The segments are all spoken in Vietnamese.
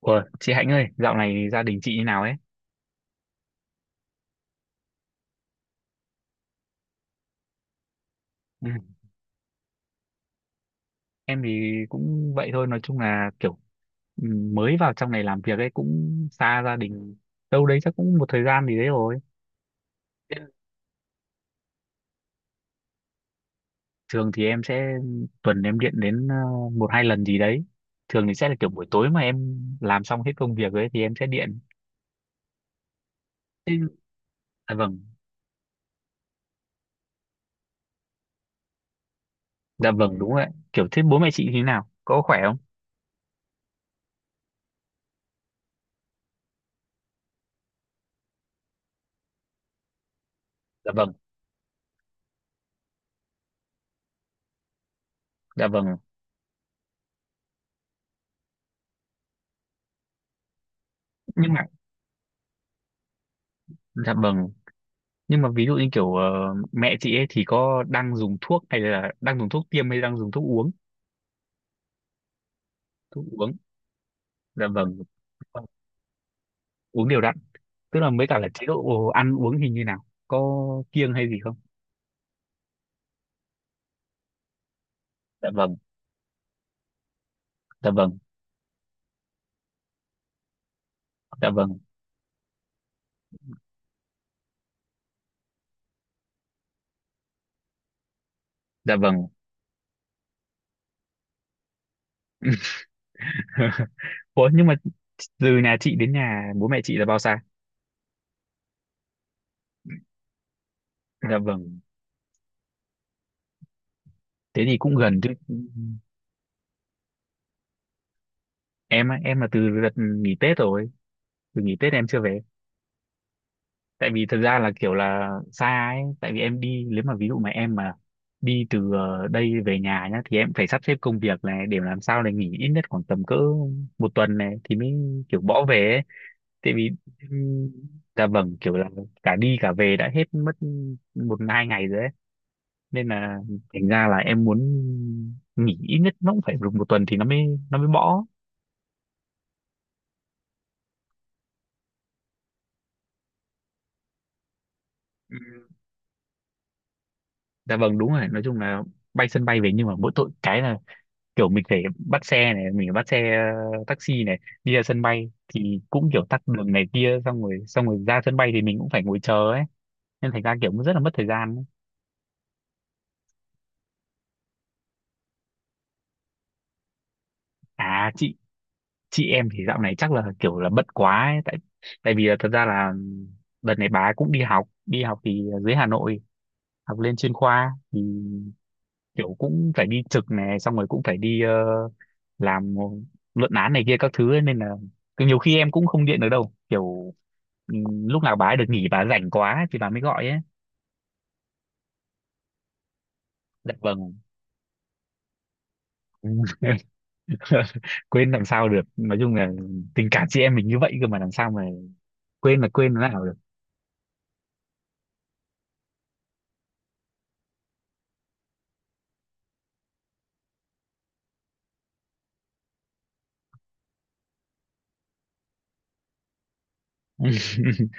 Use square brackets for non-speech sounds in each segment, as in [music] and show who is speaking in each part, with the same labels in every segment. Speaker 1: Ủa, chị Hạnh ơi, dạo này gia đình chị như nào ấy? Ừ. Em thì cũng vậy thôi, nói chung là kiểu ừ, mới vào trong này làm việc ấy, cũng xa gia đình đâu đấy chắc cũng một thời gian gì đấy rồi. Nên. Thường thì em sẽ tuần em điện đến một hai lần gì đấy. Thường thì sẽ là kiểu buổi tối mà em làm xong hết công việc ấy thì em sẽ điện. Thế- Dạ vâng, dạ vâng đúng rồi. Kiểu thế bố mẹ chị như thế nào? Có khỏe không? Dạ vâng, dạ vâng. Nhưng mà, dạ vâng, nhưng mà ví dụ như kiểu mẹ chị ấy thì có đang dùng thuốc, hay là đang dùng thuốc tiêm, hay đang dùng thuốc uống? Thuốc uống. Dạ vâng. Vâng, uống đều đặn. Tức là mới cả là chế độ ăn uống hình như nào, có kiêng hay gì không? Dạ vâng, dạ vâng, dạ vâng, dạ vâng. [laughs] Ủa nhưng mà từ nhà chị đến nhà bố mẹ chị là bao xa? Dạ vâng. Thế thì cũng gần chứ. Em á, em là từ đợt nghỉ Tết rồi, từ nghỉ Tết em chưa về. Tại vì thật ra là kiểu là xa ấy, tại vì em đi, nếu mà ví dụ mà em mà đi từ đây về nhà nhá thì em phải sắp xếp công việc này để làm sao để nghỉ ít nhất khoảng tầm cỡ một tuần này thì mới kiểu bỏ về ấy. Tại vì ừm, dạ vâng, kiểu là cả đi cả về đã hết mất một hai ngày rồi ấy, nên là thành ra là em muốn nghỉ ít nhất nó cũng phải được một tuần thì nó mới bỏ. Ừm, dạ vâng đúng rồi, nói chung là bay sân bay về, nhưng mà mỗi tội cái là kiểu mình phải bắt xe này, mình phải bắt xe taxi này đi ra sân bay thì cũng kiểu tắc đường này kia, xong rồi ra sân bay thì mình cũng phải ngồi chờ ấy, nên thành ra kiểu cũng rất là mất thời gian ấy. À chị em thì dạo này chắc là kiểu là bận quá ấy. Tại tại vì là thật ra là đợt này bà ấy cũng đi học, đi học thì dưới Hà Nội, học lên chuyên khoa thì kiểu cũng phải đi trực này, xong rồi cũng phải đi làm luận án này kia các thứ ấy, nên là cứ nhiều khi em cũng không điện được đâu, kiểu lúc nào bà ấy được nghỉ, bà ấy rảnh quá ấy, thì bà mới gọi ấy. Dạ vâng. [laughs] Quên làm sao được, nói chung là tình cảm chị em mình như vậy cơ mà, làm sao mà quên là quên thế nào được. [laughs]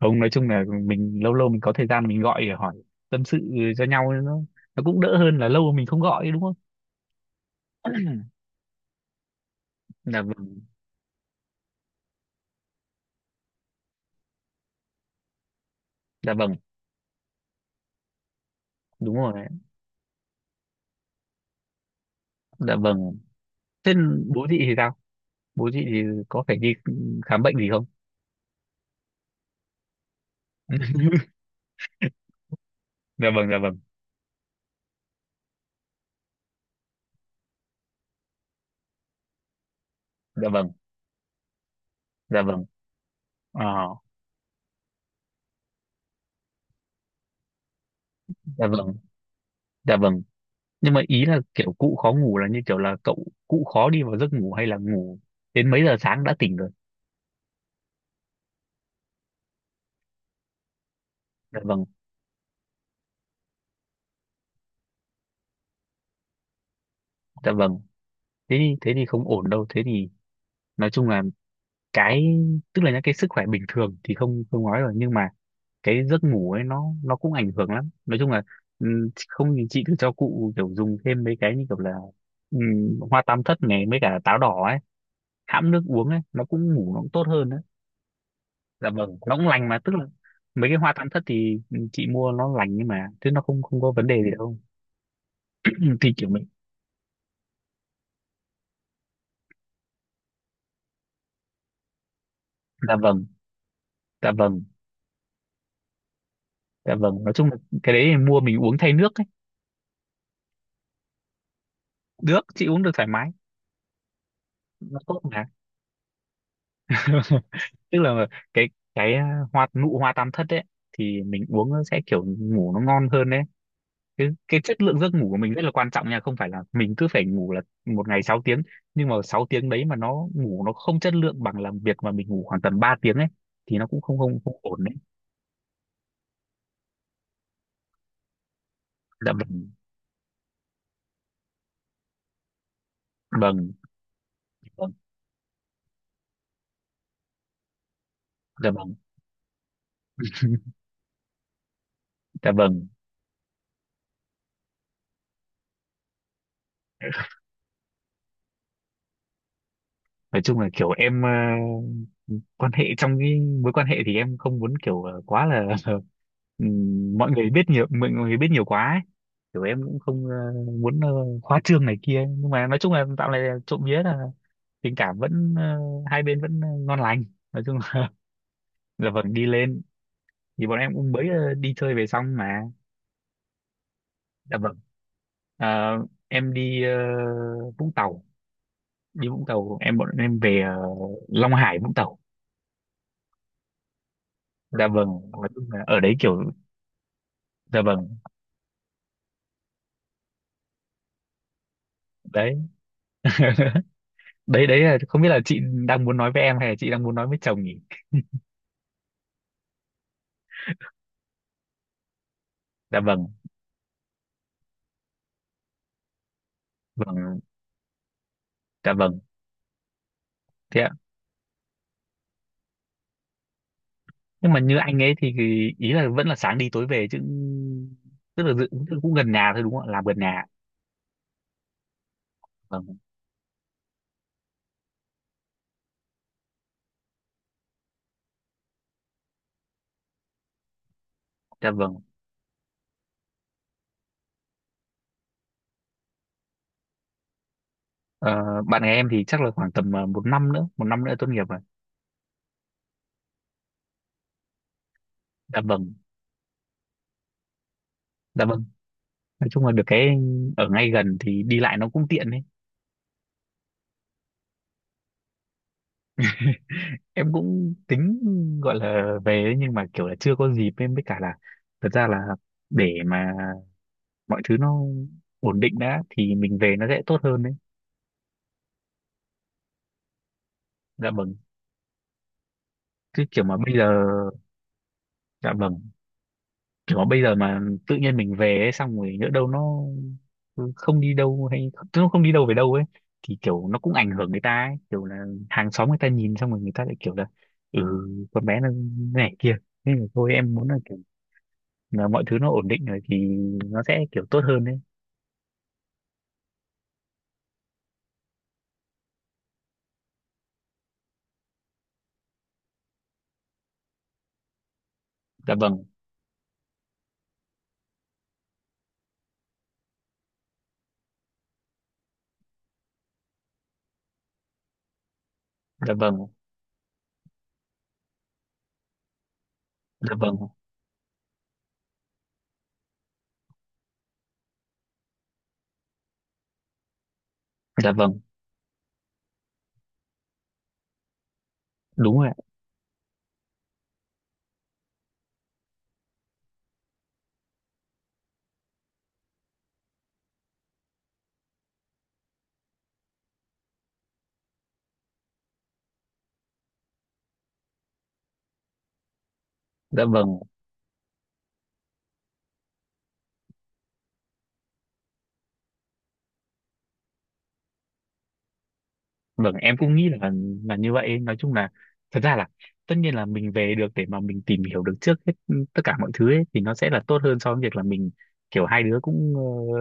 Speaker 1: Không, nói chung là mình lâu lâu mình có thời gian, mình gọi để hỏi, tâm sự cho nhau, nó cũng đỡ hơn là lâu mình không gọi, đúng không? Dạ vâng, dạ vâng đúng rồi, dạ vâng. Thế bố chị thì sao? Bố chị thì có phải đi khám bệnh gì không? Dạ vâng, dạ vâng, dạ vâng, dạ vâng. Ờ, dạ vâng, dạ vâng. Nhưng mà ý là kiểu cụ khó ngủ là như kiểu là cụ khó đi vào giấc ngủ, hay là ngủ đến mấy giờ sáng đã tỉnh rồi? Dạ vâng, dạ vâng. Thế thì, không ổn đâu. Thế thì nói chung là cái, tức là những cái sức khỏe bình thường thì không không nói rồi, nhưng mà cái giấc ngủ ấy, nó cũng ảnh hưởng lắm, nói chung là không thì chị thử cho cụ kiểu dùng thêm mấy cái như kiểu là hoa tam thất này mấy cả táo đỏ ấy, hãm nước uống ấy, nó cũng ngủ, nó cũng tốt hơn đấy. Dạ vâng, nó cũng lành mà, tức là mấy cái hoa tam thất thì chị mua, nó lành nhưng mà chứ nó không không có vấn đề gì đâu. Ừ, thì kiểu mình, dạ vâng, dạ vâng, dạ vâng, nói chung là cái đấy thì mua mình uống thay nước ấy. Được, chị uống được thoải mái. Nó tốt mà. [laughs] Tức là cái hoa nụ hoa tam thất ấy thì mình uống nó sẽ kiểu ngủ nó ngon hơn đấy. Cái chất lượng giấc ngủ của mình rất là quan trọng nha, không phải là mình cứ phải ngủ là một ngày 6 tiếng, nhưng mà 6 tiếng đấy mà nó ngủ nó không chất lượng bằng làm việc mà mình ngủ khoảng tầm 3 tiếng ấy, thì nó cũng không không không ổn đấy. Dạ vâng, vâng, vâng, dạ vâng, dạ vâng, nói chung là kiểu em quan hệ, trong cái mối quan hệ thì em không muốn kiểu quá là [laughs] ừ, mọi người biết nhiều quá ấy. Kiểu em cũng không muốn khoa trương này kia, nhưng mà nói chung là dạo này là trộm vía là tình cảm vẫn, hai bên vẫn ngon lành, nói chung là, [laughs] là vâng đi lên. Thì bọn em cũng mới đi chơi về xong mà. Dạ vâng. Ờ, em đi Vũng Tàu, đi Vũng Tàu, em bọn em về Long Hải Vũng Tàu. Dạ vâng, nói chung là ở đấy kiểu, dạ vâng. Đấy, đấy, đấy là không biết là chị đang muốn nói với em hay là chị đang muốn nói với chồng nhỉ? Dạ vâng, vâng, dạ vâng. Thế nhưng mà như anh ấy thì ý là vẫn là sáng đi tối về chứ. Tức là tức là cũng gần nhà thôi, đúng không ạ? Làm gần nhà. Vâng, dạ vâng. Ờ, bạn gái em thì chắc là khoảng tầm một năm nữa, một năm nữa tốt nghiệp rồi. Dạ vâng, dạ vâng, nói chung là được cái ở ngay gần thì đi lại nó cũng tiện đấy. Em cũng tính gọi là về đấy, nhưng mà kiểu là chưa có dịp, em với cả là thật ra là để mà mọi thứ nó ổn định đã thì mình về nó sẽ tốt hơn đấy. Dạ vâng, chứ kiểu mà bây giờ, dạ vâng, kiểu mà bây giờ mà tự nhiên mình về ấy, xong rồi nhỡ đâu nó không đi đâu, hay tức nó không đi đâu về đâu ấy, thì kiểu nó cũng ảnh hưởng người ta ấy. Kiểu là hàng xóm người ta nhìn xong rồi người ta lại kiểu là ừ con bé nó này kia, nên là thôi em muốn là kiểu là mọi thứ nó ổn định rồi thì nó sẽ kiểu tốt hơn đấy. Dạ vâng, dạ vâng, dạ vâng, dạ vâng đúng rồi ạ, dạ vâng. Vâng, em cũng nghĩ là như vậy ấy. Nói chung là thật ra là tất nhiên là mình về được để mà mình tìm hiểu được trước hết tất cả mọi thứ ấy thì nó sẽ là tốt hơn so với việc là mình kiểu hai đứa cũng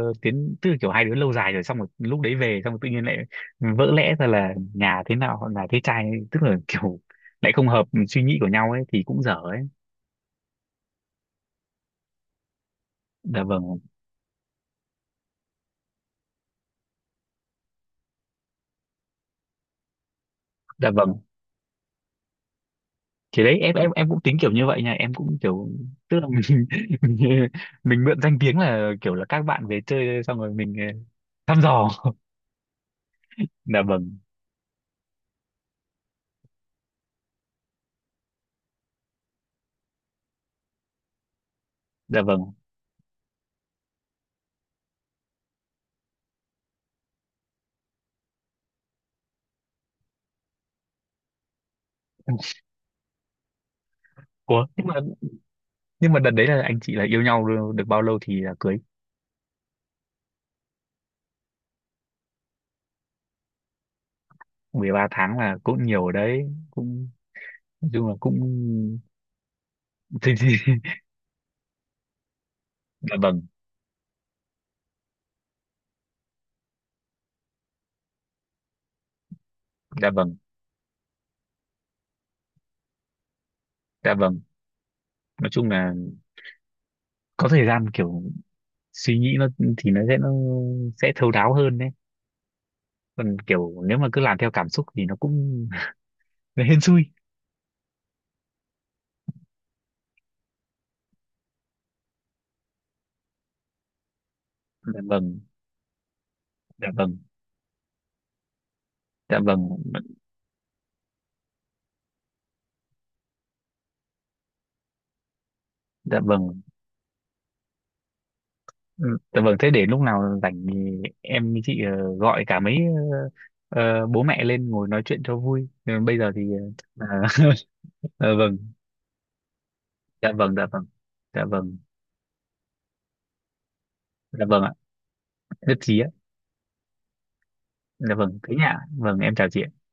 Speaker 1: tiến, tức là kiểu hai đứa lâu dài rồi, xong rồi lúc đấy về xong rồi tự nhiên lại vỡ lẽ ra là nhà thế nào, nhà thế trai, tức là kiểu lại không hợp suy nghĩ của nhau ấy thì cũng dở ấy. Dạ vâng, dạ vâng. Thì đấy em, em cũng tính kiểu như vậy nha, em cũng kiểu, tức là mình [laughs] mình, mình mượn danh tiếng là kiểu là các bạn về chơi, xong rồi mình thăm dò. Dạ vâng, dạ vâng. Ủa, nhưng mà đợt đấy là anh chị là yêu nhau được được bao lâu thì là cưới? 13 tháng là cũng nhiều đấy, cũng nói chung là cũng thì [laughs] dạ vâng, dạ vâng, dạ vâng, nói chung là có thời gian kiểu suy nghĩ nó thì nó sẽ thấu đáo hơn đấy. Còn kiểu nếu mà cứ làm theo cảm xúc thì nó cũng [laughs] nó hên xui. Dạ vâng, dạ vâng, dạ vâng, dạ vâng. Ừ, dạ vâng, thế để lúc nào rảnh thì em với chị gọi cả mấy bố mẹ lên ngồi nói chuyện cho vui. Ừ, bây giờ thì ờ, [laughs] ờ, vâng, dạ vâng, dạ vâng, dạ vâng, dạ vâng ạ, nhất trí ạ. Dạ vâng, thế nhá, vâng, em chào chị ạ.